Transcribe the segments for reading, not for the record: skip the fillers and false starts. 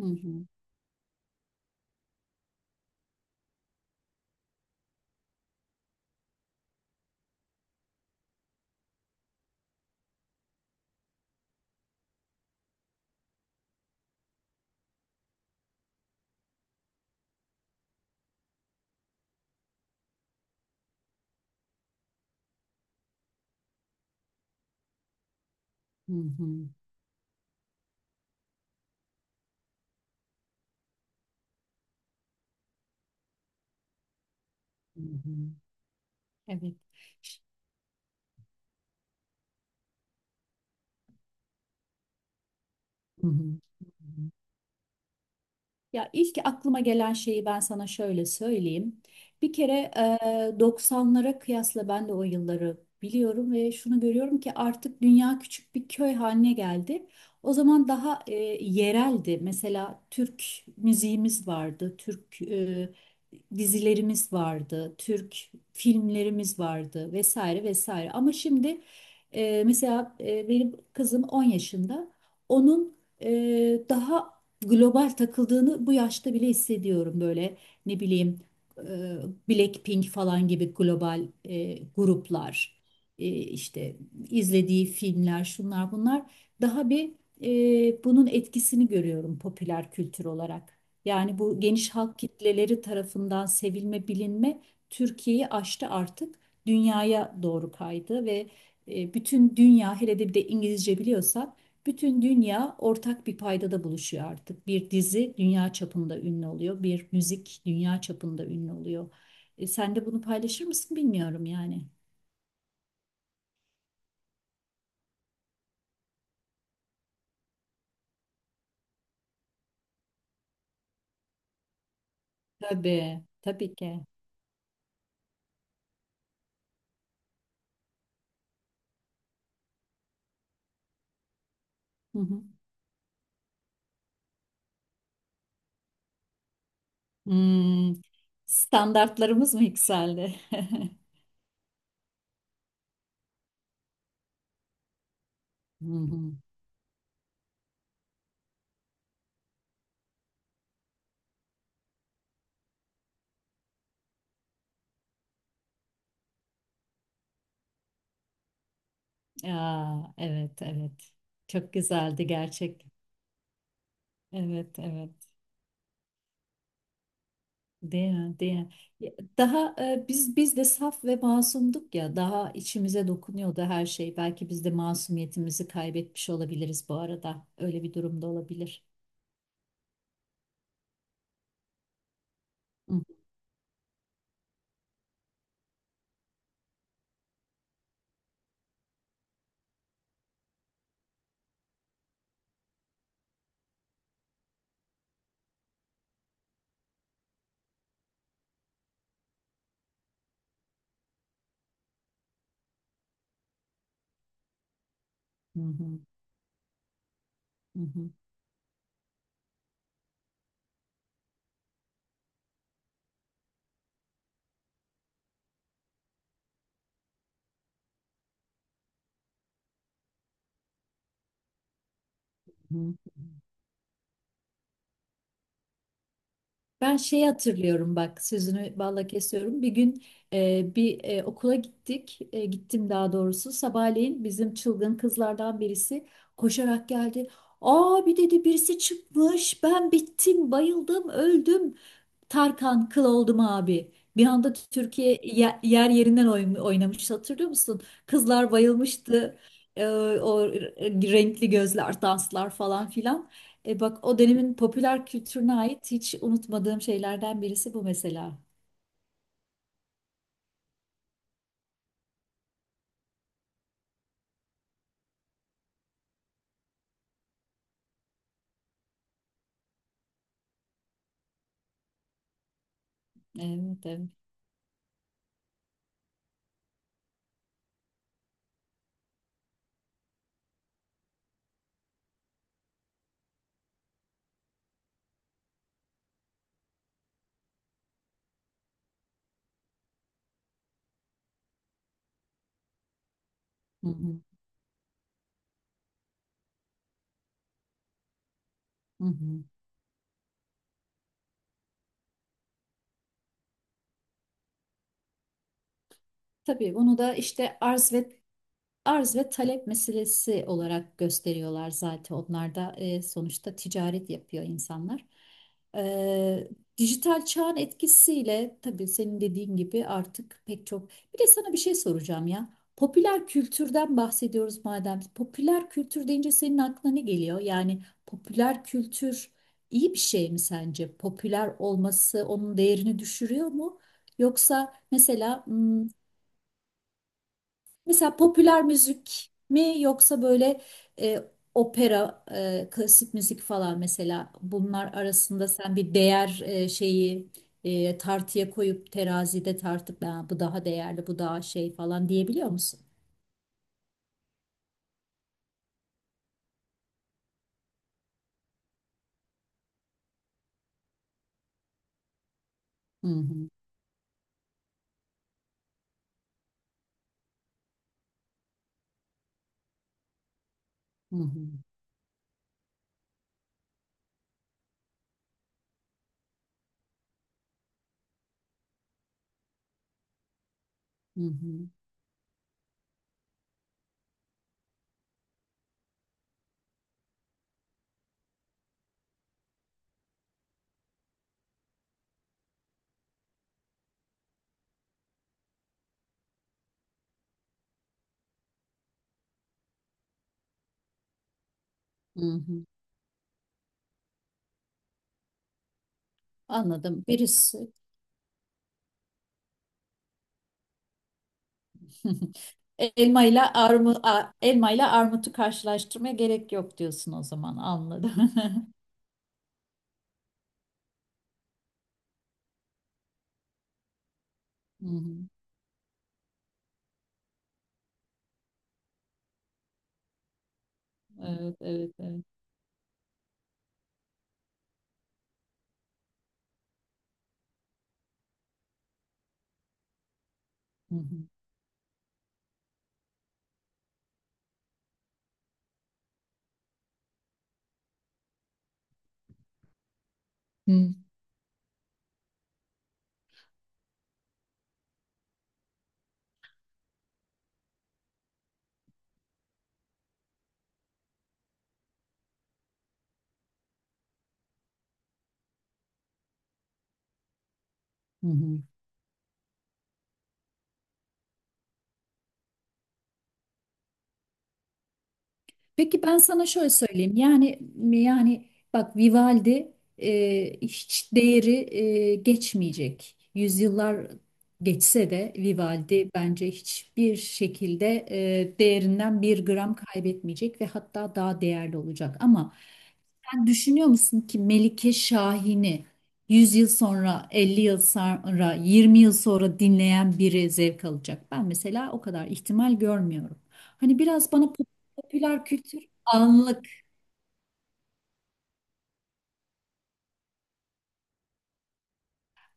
Hı hı. Hı hı. Hı hı. Evet. Hı hı. Ya, ilk aklıma gelen şeyi ben sana şöyle söyleyeyim. Bir kere 90'lara kıyasla ben de o yılları biliyorum ve şunu görüyorum ki artık dünya küçük bir köy haline geldi. O zaman daha yereldi. Mesela Türk müziğimiz vardı, Türk dizilerimiz vardı, Türk filmlerimiz vardı vesaire vesaire. Ama şimdi mesela benim kızım 10 yaşında. Onun daha global takıldığını bu yaşta bile hissediyorum, böyle, ne bileyim, e, Blackpink falan gibi global gruplar, işte izlediği filmler şunlar bunlar, daha bir, bunun etkisini görüyorum popüler kültür olarak. Yani bu geniş halk kitleleri tarafından sevilme, bilinme Türkiye'yi aştı artık, dünyaya doğru kaydı ve bütün dünya, hele de bir de İngilizce biliyorsa, bütün dünya ortak bir paydada buluşuyor artık. Bir dizi dünya çapında ünlü oluyor, bir müzik dünya çapında ünlü oluyor. Sen de bunu paylaşır mısın bilmiyorum yani. Tabii, tabii ki. Hı hı. Hmm, Standartlarımız mı yükseldi? Hı hı. Aa, evet, evet. Çok güzeldi gerçek. Evet, evet. Değil mi? Değil mi? Ya, daha biz de saf ve masumduk ya, daha içimize dokunuyordu her şey. Belki biz de masumiyetimizi kaybetmiş olabiliriz bu arada. Öyle bir durumda olabilir. Hı hı hı hı hı. Ben şey hatırlıyorum, bak sözünü balla kesiyorum. Bir gün okula gittik. E, gittim daha doğrusu. Sabahleyin bizim çılgın kızlardan birisi koşarak geldi. Aa, bir dedi, birisi çıkmış. Ben bittim, bayıldım, öldüm. Tarkan, kıl oldum abi. Bir anda Türkiye yer yerinden oynamış, hatırlıyor musun? Kızlar bayılmıştı. Ee, O renkli gözler, danslar falan filan. E bak, o dönemin popüler kültürüne ait hiç unutmadığım şeylerden birisi bu mesela. Evet, evet. Hı hı, hı hı. Tabii bunu da işte arz ve talep meselesi olarak gösteriyorlar zaten. Onlar da sonuçta ticaret yapıyor insanlar. E, dijital çağın etkisiyle tabii senin dediğin gibi artık pek çok. Bir de sana bir şey soracağım ya. Popüler kültürden bahsediyoruz madem. Popüler kültür deyince senin aklına ne geliyor? Yani popüler kültür iyi bir şey mi sence? Popüler olması onun değerini düşürüyor mu? Yoksa mesela mesela popüler müzik mi, yoksa böyle e, opera, klasik müzik falan, mesela bunlar arasında sen bir değer şeyi, tartıya koyup terazide tartıp "Ha, bu daha değerli, bu daha şey" falan diyebiliyor musun? Hı hı, hı hı, hı hı, hı hı. Anladım. Birisi elma ile armutu karşılaştırmaya gerek yok diyorsun o zaman, anladım. Hı hı. Evet, evet, evet. Hı hı. Hı. Hı hı. Peki, ben sana şöyle söyleyeyim. Yani bak, Vivaldi hiç değeri, geçmeyecek. Yüzyıllar geçse de Vivaldi bence hiçbir şekilde değerinden bir gram kaybetmeyecek ve hatta daha değerli olacak. Ama sen düşünüyor musun ki Melike Şahin'i 100 yıl sonra, 50 yıl sonra, 20 yıl sonra dinleyen biri zevk alacak? Ben mesela o kadar ihtimal görmüyorum. Hani biraz bana popüler kültür anlık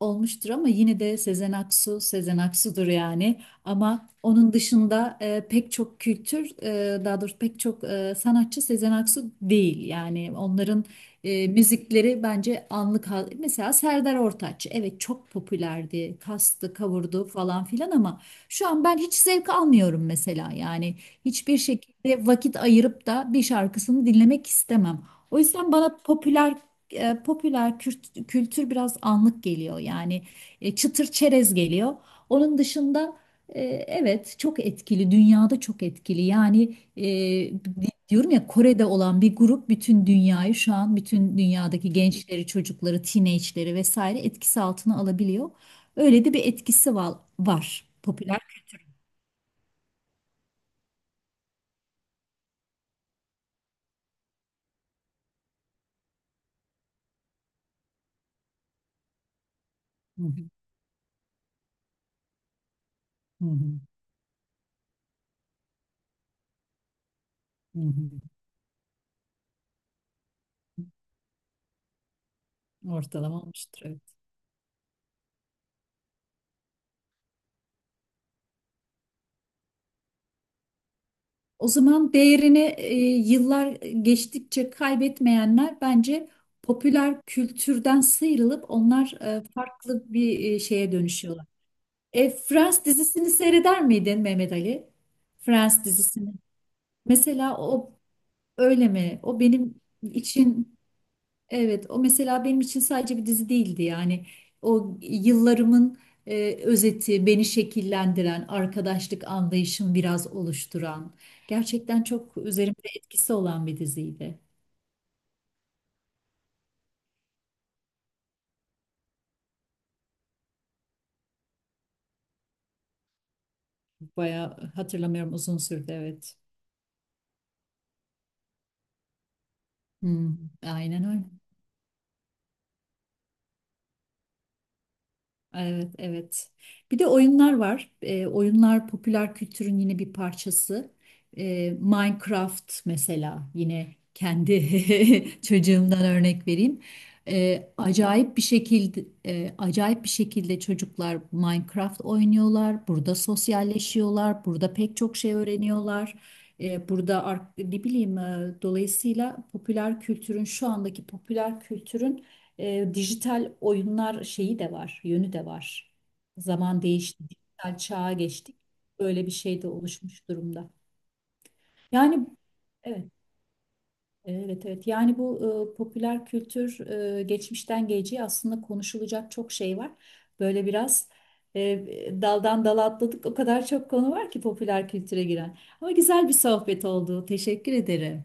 olmuştur ama yine de Sezen Aksu Sezen Aksu'dur yani. Ama onun dışında pek çok kültür, daha doğrusu pek çok sanatçı Sezen Aksu değil. Yani onların müzikleri bence anlık. Mesela Serdar Ortaç, evet, çok popülerdi, kastı, kavurdu falan filan, ama şu an ben hiç zevk almıyorum mesela. Yani hiçbir şekilde vakit ayırıp da bir şarkısını dinlemek istemem. O yüzden bana popüler e, popüler kürt- kültür biraz anlık geliyor yani, çıtır çerez geliyor. Onun dışında, evet, çok etkili, dünyada çok etkili yani, diyorum ya, Kore'de olan bir grup bütün dünyayı şu an, bütün dünyadaki gençleri, çocukları, teenage'leri vesaire etkisi altına alabiliyor. Öyle de bir etkisi var, var popüler. Hı hı, hı hı, hı hı. Ortalama olmuştur. O zaman değerini yıllar geçtikçe kaybetmeyenler bence popüler kültürden sıyrılıp, onlar farklı bir şeye dönüşüyorlar. E, Friends dizisini seyreder miydin Mehmet Ali? Friends dizisini. Mesela o, öyle mi? O benim için, evet, o mesela benim için sadece bir dizi değildi yani, o yıllarımın özeti, beni şekillendiren, arkadaşlık anlayışımı biraz oluşturan, gerçekten çok üzerimde etkisi olan bir diziydi. Bayağı hatırlamıyorum, uzun sürdü evet. Hmm, aynen öyle. Evet, evet. Bir de oyunlar var. Oyunlar popüler kültürün yine bir parçası. Minecraft mesela, yine kendi çocuğumdan örnek vereyim. Acayip bir şekilde çocuklar Minecraft oynuyorlar. Burada sosyalleşiyorlar. Burada pek çok şey öğreniyorlar. Ne bileyim, dolayısıyla popüler kültürün şu andaki popüler kültürün dijital oyunlar şeyi de var, yönü de var. Zaman değişti, dijital çağa geçtik. Böyle bir şey de oluşmuş durumda. Yani, evet, evet, evet. Yani bu popüler kültür, geçmişten geleceğe aslında konuşulacak çok şey var. Böyle biraz daldan dala atladık. O kadar çok konu var ki popüler kültüre giren. Ama güzel bir sohbet oldu. Teşekkür ederim.